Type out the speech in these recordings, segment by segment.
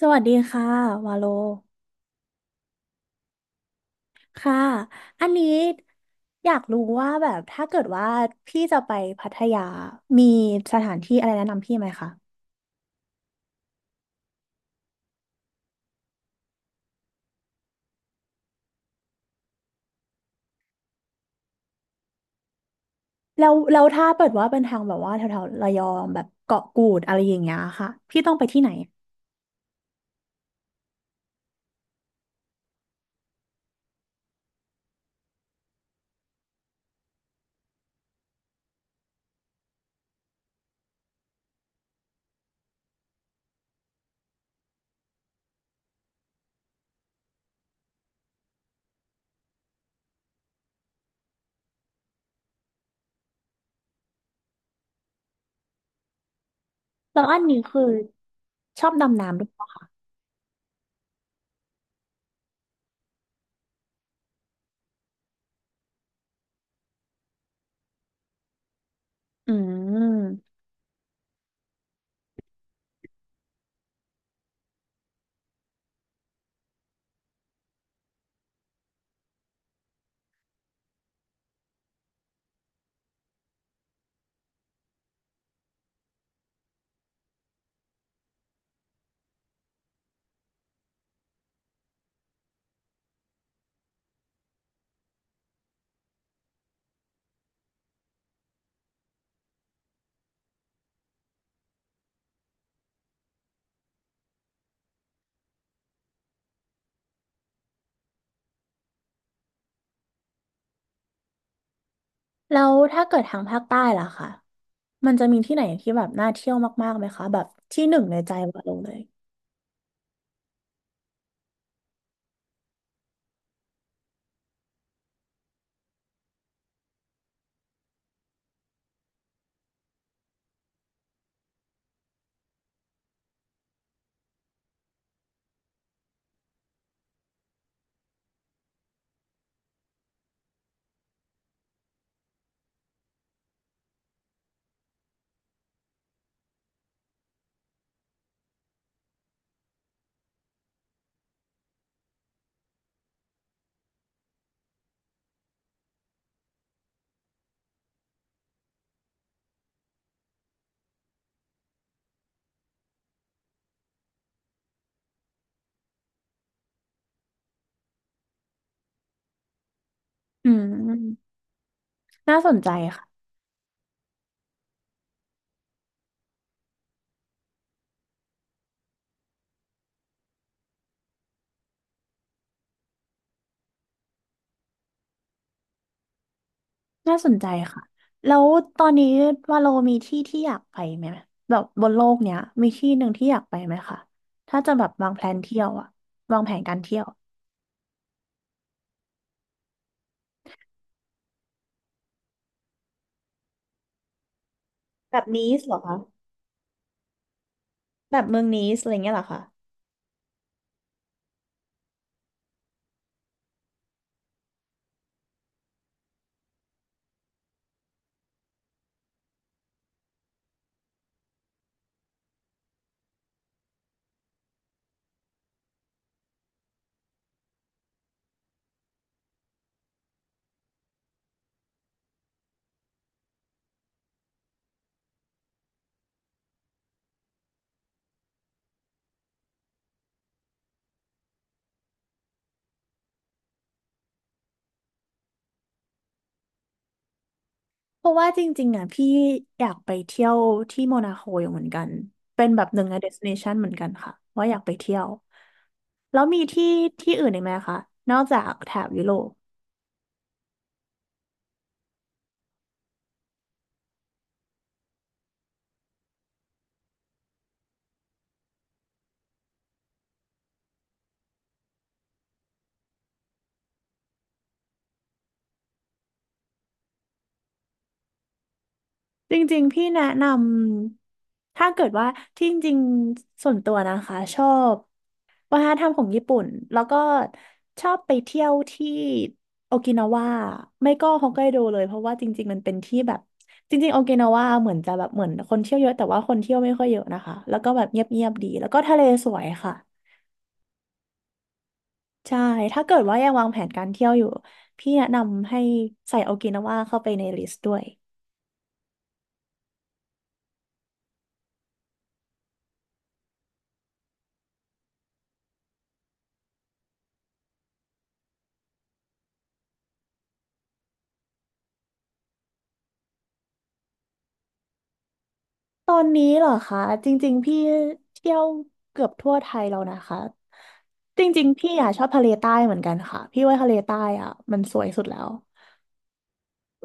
สวัสดีค่ะวาโลค่ะอันนี้อยากรู้ว่าแบบถ้าเกิดว่าพี่จะไปพัทยามีสถานที่อะไรแนะนำพี่ไหมคะแล้วแล้วถ้าเปิดว่าเป็นทางแบบว่าแถวๆระยองแบบเกาะกูดอะไรอย่างเงี้ยค่ะพี่ต้องไปที่ไหนแล้วอันนี้คือชอบดำน้ำด้วยเหรอคะอืมแล้วถ้าเกิดทางภาคใต้ล่ะค่ะมันจะมีที่ไหนที่แบบน่าเที่ยวมากๆไหมคะแบบที่หนึ่งในใจวาโลเลยอืมน่าสนใจค่ะ น่าสนใจค่ะแล้วตอนนี้วาโลมีที่ที่อยากไปไหมแบบบนโลกเนี้ยมีที่หนึ่งที่อยากไปไหมคะถ้าจะแบบวางแผนเที่ยวอะวางแผนการเที่ยวแบบนีสเหรอคะแบบเมืองนีสอะไรเงี้ยเหรอคะเพราะว่าจริงๆอะพี่อยากไปเที่ยวที่โมนาโคอยู่เหมือนกัน เป็นแบบหนึ่งในเดสติเนชันเหมือนกันค่ะว่าอยากไปเที่ยวแล้วมีที่ที่อื่นอีกไหมคะ นอกจากแถบยุโรป จริงๆพี่แนะนำถ้าเกิดว่าที่จริงๆส่วนตัวนะคะชอบวัฒนธรรมของญี่ปุ่นแล้วก็ชอบไปเที่ยวที่โอกินาวาไม่ก็ฮอกไกโดเลยเพราะว่าจริงๆมันเป็นที่แบบจริงๆโอกินาวาเหมือนจะแบบเหมือนคนเที่ยวเยอะแต่ว่าคนเที่ยวไม่ค่อยเยอะนะคะแล้วก็แบบเงียบๆดีแล้วก็ทะเลสวยค่ะใช่ถ้าเกิดว่ายังวางแผนการเที่ยวอยู่พี่แนะนำให้ใส่โอกินาวาเข้าไปในลิสต์ด้วย ตอนนี้เหรอคะจริงๆพี่เที่ยวเกือบทั่วไทยแล้วนะคะจริงๆพี่อ่ะชอบทะเลใต้เหมือนกันค่ะพี่ว่าทะเลใต้อ่ะมันสวยสุดแล้ว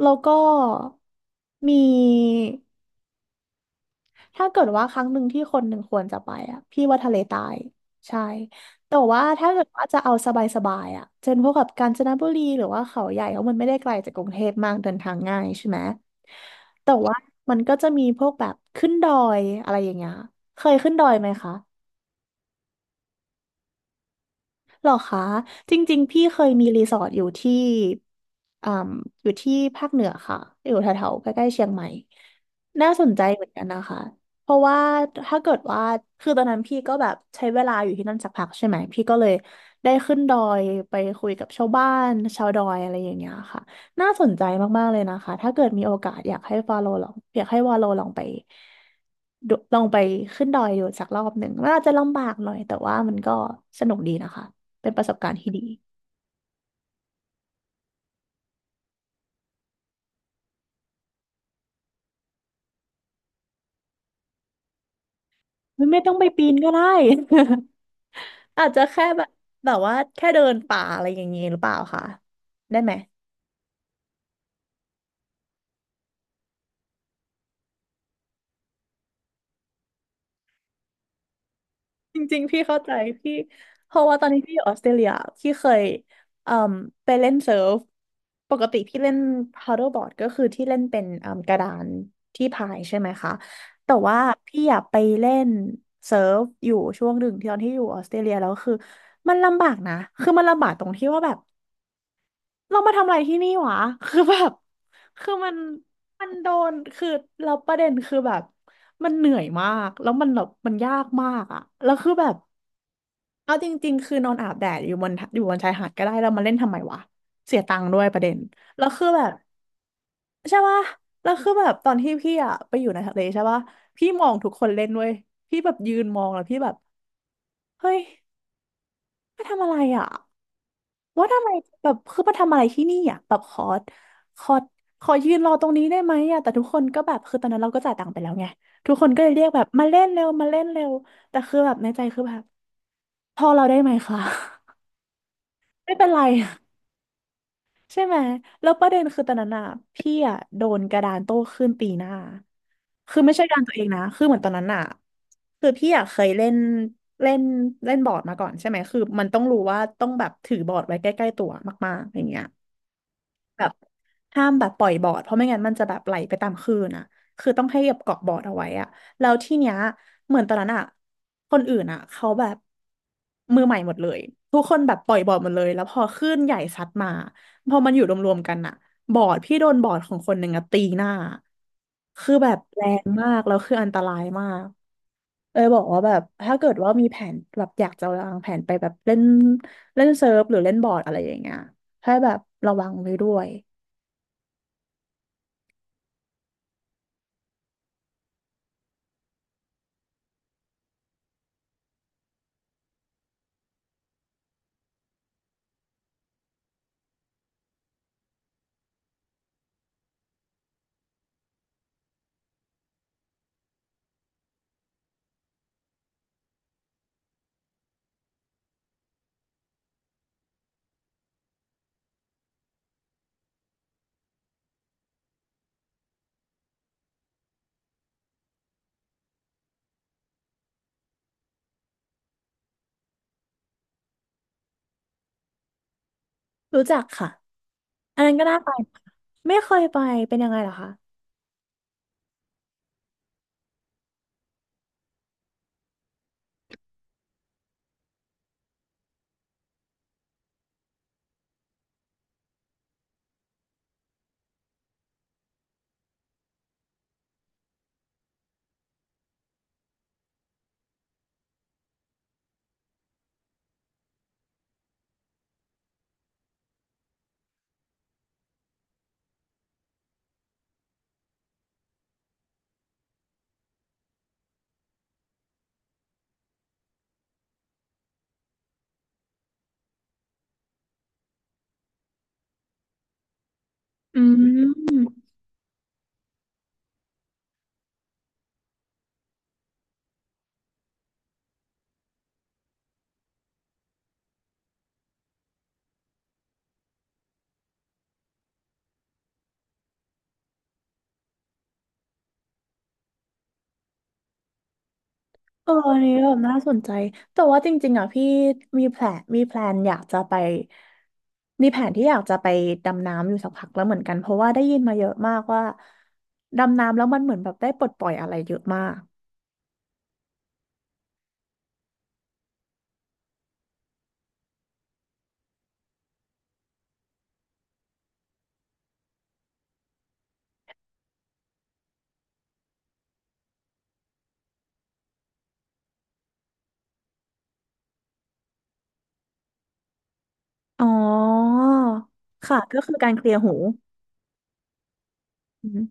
แล้วก็มี ถ้าเกิดว่าครั้งหนึ่งที่คนหนึ่งควรจะไปอ่ะพี่ว่าทะเลใต้ใช่แต่ว่าถ้าเกิดว่าจะเอาสบายๆอ่ะเช่นพวกกับกาญจนบุรีหรือว่าเขาใหญ่เพราะมันไม่ได้ไกลจากกรุงเทพมากเดินทางง่ายใช่ไหมแต่ว่ามันก็จะมีพวกแบบขึ้นดอยอะไรอย่างเงี้ยเคยขึ้นดอยไหมคะ หรอคะจริงๆพี่เคยมีรีสอร์ทอยู่ที่อ่มอยู่ที่ภาคเหนือค่ะอยู่แถวๆใกล้ๆเชียงใหม่น่าสนใจเหมือนกันนะคะเพราะว่าถ้าเกิดว่าคือตอนนั้นพี่ก็แบบใช้เวลาอยู่ที่นั่นสักพักใช่ไหมพี่ก็เลยได้ขึ้นดอยไปคุยกับชาวบ้านชาวดอยอะไรอย่างเงี้ยค่ะน่าสนใจมากๆเลยนะคะถ้าเกิดมีโอกาสอยากให้ฟาโลลองอยากให้วาโลลองไปดูลองไปขึ้นดอยดูสักรอบหนึ่งมันอาจจะลำบากหน่อยแต่ว่ามันก็สนุกดีนะคะ เป็นประสบการณ์ที่ดีไม่ต้องไปปีนก็ได้ อาจจะแค่แบบแบบว่าแค่เดินป่าอะไรอย่างเงี้ยหรือเปล่าคะได้ไหมจริงๆพี่เข้าใจพี่เพราะว่าตอนนี้พี่อยู่ออสเตรเลียพี่เคยเอ่มไปเล่นเซิร์ฟปกติพี่เล่น paddleboard ก็คือที่เล่นเป็นเอ่มกระดานที่พายใช่ไหมคะแต่ว่าพี่อยากไปเล่นเซิร์ฟอยู่ช่วงหนึ่งที่ตอนที่อยู่ออสเตรเลียแล้วคือมันลำบากนะคือมันลำบากตรงที่ว่าแบบ เรามาทำอะไรที่นี่วะคือแบบคือมันโดนคือเราประเด็นคือแบบมันเหนื่อยมากแล้วมันแบบมันยากมากอะแล้วคือแบบเอาจริงๆคือนอนอาบแดดอยู่บนอยู่บนชายหาดก็ได้แล้วมาเล่นทำไมวะเสียตังค์ด้วยประเด็นแล้วคือแบบใช่ปะแล้วคือแบบตอนที่พี่อะไปอยู่ในทะเลใช่ปะพี่มองทุกคนเล่นด้วยพี่แบบยืนมองแล้วพี่แบบเฮ้ยมาทำอะไรอะ ว่าทำไมแบบคือมาทำอะไรที่นี่อ่ะแบบขอขอยืนรอตรงนี้ได้ไหมอ่ะแต่ทุกคนก็แบบคือตอนนั้นเราก็จ่ายตังค์ไปแล้วไงทุกคนก็เลยเรียกแบบมาเล่นเร็วมาเล่นเร็วแต่คือแบบในใจคือแบบพอเราได้ไหมคะ ไม่เป็นไรใช่ไหมแล้วประเด็นคือตอนนั้นอ่ะพี่อ่ะโดนกระดานโต้คลื่นตีหน้าคือไม่ใช่การตัวเองนะคือเหมือนตอนนั้นอ่ะคือพี่อ่ะเคยเล่นเล่นเล่นบอร์ดมาก่อนใช่ไหมคือมันต้องรู้ว่าต้องแบบถือบอร์ดไว้ใกล้ๆตัวมากๆอย่างเงี้ยแบบ ห้ามแบบปล่อยบอร์ดเพราะไม่งั้นมันจะแบบไหลไปตามคลื่นอ่ะคือต้องให้แบบเกาะบอร์ดเอาไว้อ่ะแล้วที่เนี้ยเหมือนตอนนั้นอ่ะคนอื่นอ่ะเขาแบบมือใหม่หมดเลยทุกคนแบบปล่อยบอร์ดหมดเลยแล้วพอคลื่นใหญ่ซัดมาพอมันอยู่รวมๆกันอ่ะบอร์ดพี่โดนบอร์ดของคนหนึ่งอ่ะตีหน้าคือแบบแรงมากแล้วคืออันตรายมากเออบอกว่าแบบถ้าเกิดว่ามีแผนแบบอยากจะวางแผนไปแบบเล่นเล่นเซิร์ฟหรือเล่นบอร์ดอะไรอย่างเงี้ยให้แบบระวังไว้ด้วย รู้จักค่ะ อันนั้นก็น่าไปนะไม่เคยไปเป็นยังไงเหรอคะอืมเอออันนี้แบบน่าสนใจแต่ว่าจริงๆอ่ะพี่มีแผนมีแพลนอยากจะไปมีแผนที่อยากจะไปดำน้ำอยู่สักพักแล้วเหมือนกัน เพราะว่าได้ยินมาเยอะมากว่า ดำน้ำแล้วมันเหมือนแบบได้ปลดปล่อยอะไรเยอะมากอ๋อค่ะก็คือการเคลียร์หูอืม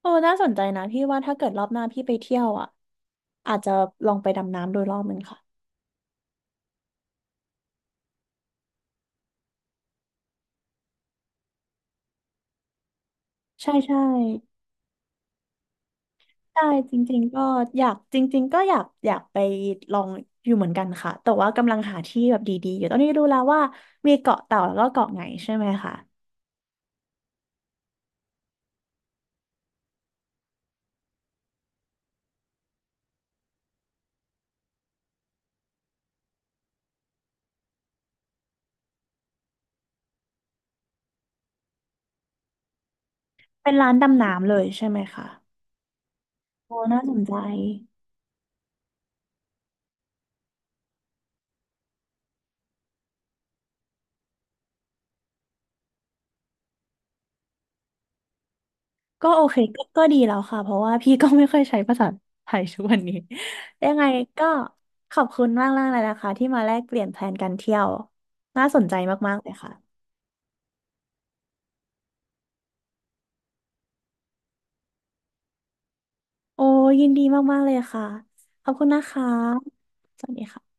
เออน่าสนใจนะพี่ว่าถ้าเกิดรอบหน้าพี่ไปเที่ยวอ่ะอาจจะลองไปดำน้ำโดยรอบหนึ่งค่ะใช่ใช่ ใช่จริงๆก็อยากจริงๆก็อยากอยากไปลองอยู่เหมือนกันค่ะแต่ว่ากำลังหาที่แบบดีๆอยู่ตอนนี้รู้แล้วว่ามีเกาะเต่าแล้วก็เกาะไหนใช่ไหมคะเป็นร้านดำน้ำเลยใช่ไหมคะโอ้น่าสนใจก็โอเคก็ก็ดีแล้วค่ะเพราะว่าพี่ก็ไม่ค่อยใช้ภาษาไทยทุกวันนี้ ยังไงก็ขอบคุณมากๆเลยนะคะที่มาแลกเปลี่ยนแพลนการเที่ยวน่าสนใจมากๆเลยค่ะโอ้ยินดีมากๆเลยค่ะขอบคุณนะคะสวัสดีค่ะ